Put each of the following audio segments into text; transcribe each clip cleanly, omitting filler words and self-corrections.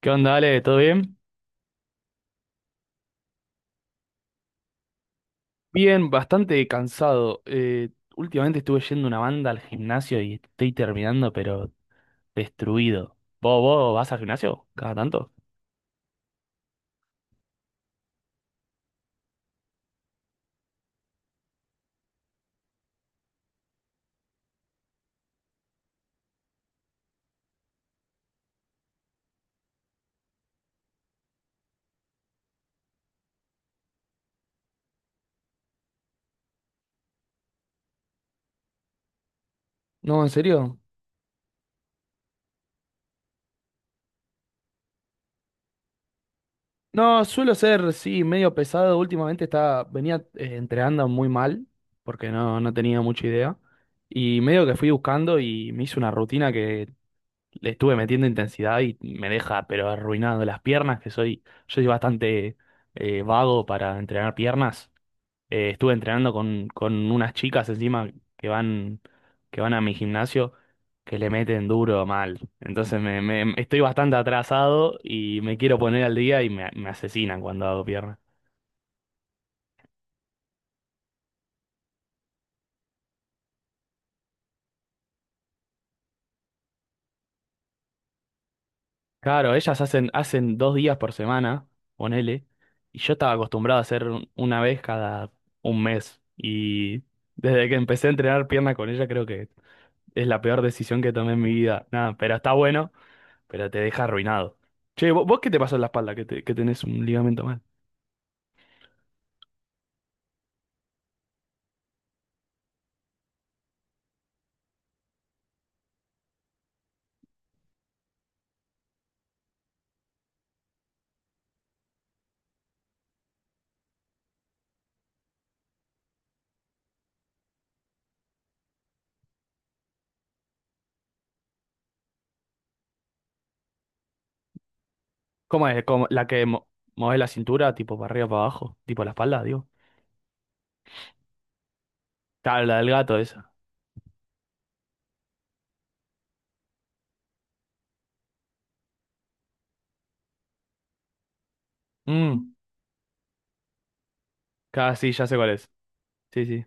¿Qué onda, Ale? ¿Todo bien? Bien, bastante cansado. Últimamente estuve yendo una banda al gimnasio y estoy terminando, pero destruido. ¿Vos vas al gimnasio? ¿Cada tanto? No, ¿en serio? No, suelo ser, sí, medio pesado. Últimamente estaba, venía entrenando muy mal, porque no tenía mucha idea. Y medio que fui buscando y me hice una rutina que le estuve metiendo intensidad y me deja, pero arruinado las piernas, que soy, yo soy bastante vago para entrenar piernas. Estuve entrenando con unas chicas encima que van, que van a mi gimnasio que le meten duro mal. Entonces estoy bastante atrasado y me quiero poner al día y me asesinan cuando hago pierna. Claro, ellas hacen 2 días por semana, ponele, y yo estaba acostumbrado a hacer una vez cada un mes. Y desde que empecé a entrenar pierna con ella creo que es la peor decisión que tomé en mi vida. Nada, pero está bueno, pero te deja arruinado. Che, ¿vos, qué te pasó en la espalda? Que, que tenés un ligamento mal. ¿Cómo es? ¿La que mueve la cintura, tipo para arriba, para abajo? Tipo la espalda, digo. Claro, la del gato esa. Mm, claro, sí, ya sé cuál es. Sí, sí.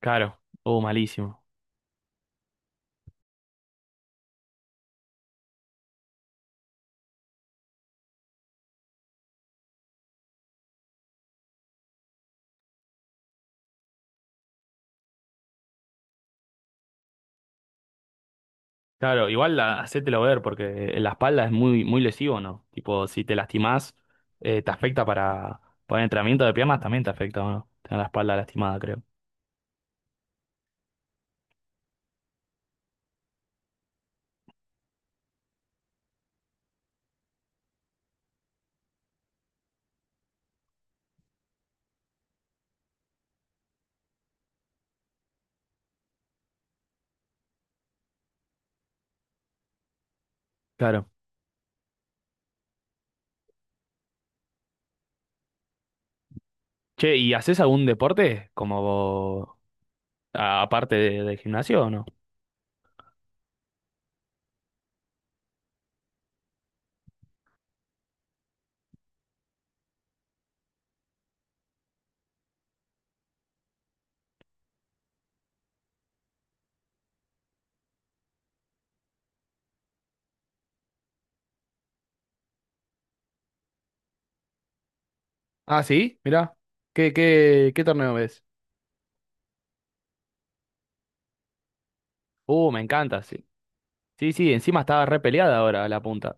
Claro. Oh, malísimo. Claro, igual la, hacételo ver, porque en la espalda es muy, muy lesivo, ¿no? Tipo, si te lastimás, te afecta para el entrenamiento de piernas, también te afecta, ¿o ¿no? Tener la espalda lastimada, creo. Claro. Che, ¿y haces algún deporte? Como, aparte del gimnasio o no? Ah, sí, mirá. ¿Qué torneo ves? Me encanta, sí. Sí, sí, encima estaba re peleada ahora la punta.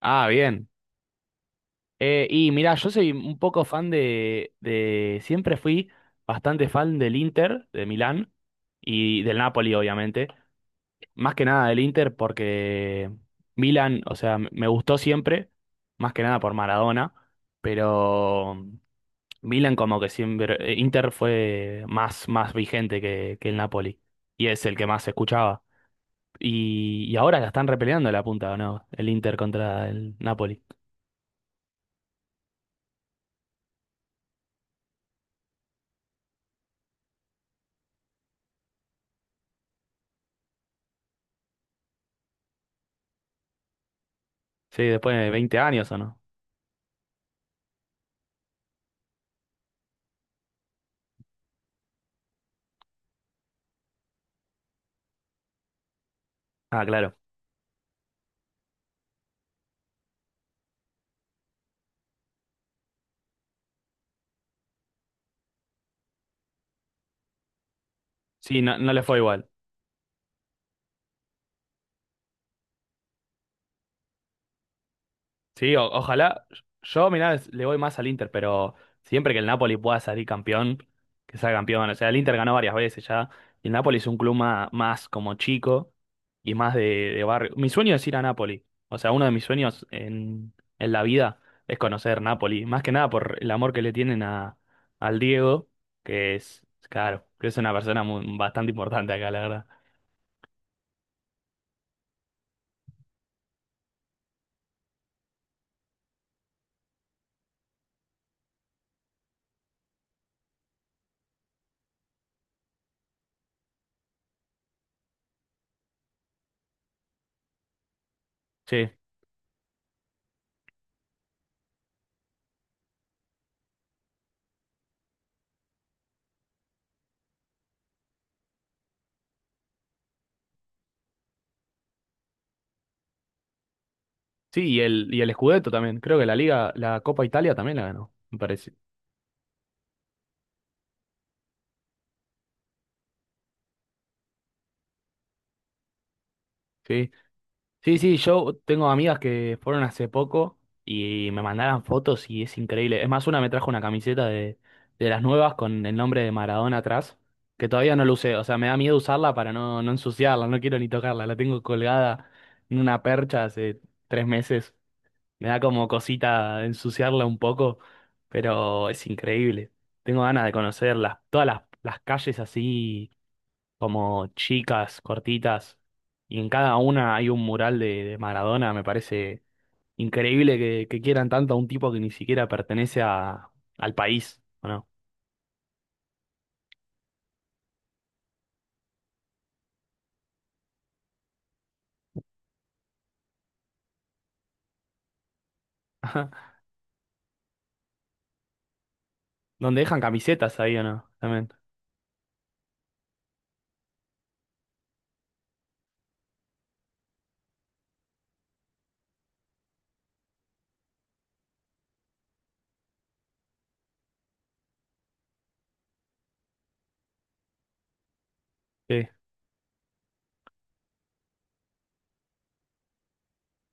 Ah, bien. Y mirá, yo soy un poco fan de. Siempre fui bastante fan del Inter, de Milán, y del Napoli, obviamente. Más que nada del Inter porque Milán, o sea, me gustó siempre, más que nada por Maradona, pero. Milan como que siempre, Inter fue más, más vigente que el Napoli y es el que más se escuchaba. Y ahora la están repeleando la punta, ¿o no? El Inter contra el Napoli. Sí, después de 20 años, ¿o no? Ah, claro. Sí, no, no le fue igual. Sí, ojalá. Yo, mirá, le voy más al Inter, pero siempre que el Napoli pueda salir campeón, que sea campeón. O sea, el Inter ganó varias veces ya. Y el Napoli es un club más, como chico y más de barrio. Mi sueño es ir a Napoli. O sea, uno de mis sueños en la vida es conocer Napoli. Más que nada por el amor que le tienen a, al Diego, que es, claro, que es una persona bastante importante acá, la verdad. Sí, sí, y el Scudetto también. Creo que la Liga, la Copa Italia también la ganó, me parece. Sí. Sí, sí, yo tengo amigas que fueron hace poco y me mandaron fotos y es increíble. Es más, una me trajo una camiseta de las nuevas con el nombre de Maradona atrás, que todavía no lo usé. O sea, me da miedo usarla para no ensuciarla, no quiero ni tocarla. La tengo colgada en una percha hace 3 meses. Me da como cosita ensuciarla un poco, pero es increíble. Tengo ganas de conocerlas, todas las calles así como chicas, cortitas, y en cada una hay un mural de Maradona. Me parece increíble que quieran tanto a un tipo que ni siquiera pertenece a, al país, ¿o no? Donde dejan camisetas ahí, ¿o no? También. Sí,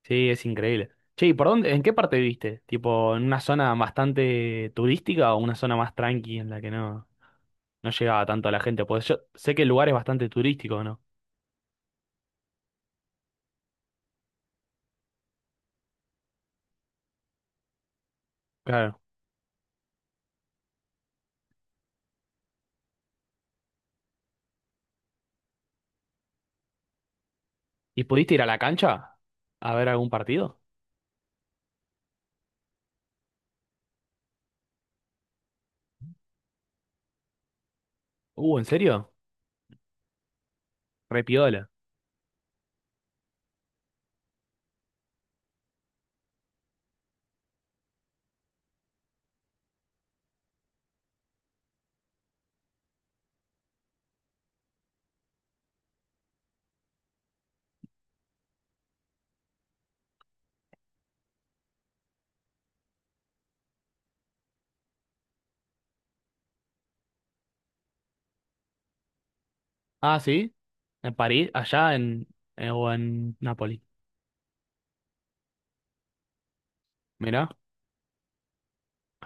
sí, es increíble. Che, ¿y por dónde, en qué parte viste? ¿Tipo en una zona bastante turística o una zona más tranqui en la que no llegaba tanto a la gente? Porque yo sé que el lugar es bastante turístico, ¿no? Claro. ¿Y pudiste ir a la cancha a ver algún partido? ¿En serio? Repiola. Ah, sí, en París, allá en, o en Nápoles. Mirá,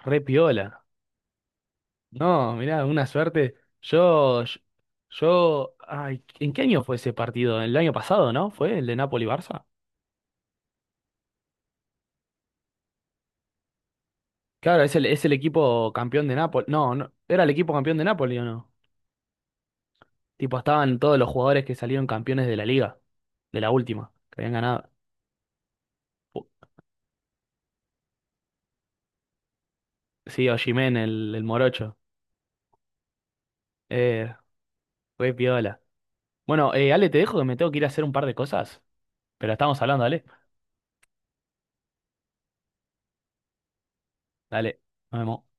re piola. No, mirá, una suerte. Yo, yo, ay, ¿en qué año fue ese partido? El año pasado, ¿no? ¿Fue el de Napoli-Barça? Claro, es el equipo campeón de Nápoles. No, no, ¿era el equipo campeón de Nápoles o no? Tipo, estaban todos los jugadores que salieron campeones de la liga, de la última, que habían ganado. Pu- Sí, Osimhen, el morocho. Eh, re piola. Bueno, Ale, te dejo que me tengo que ir a hacer un par de cosas, pero estamos hablando, Ale. Dale, nos vemos.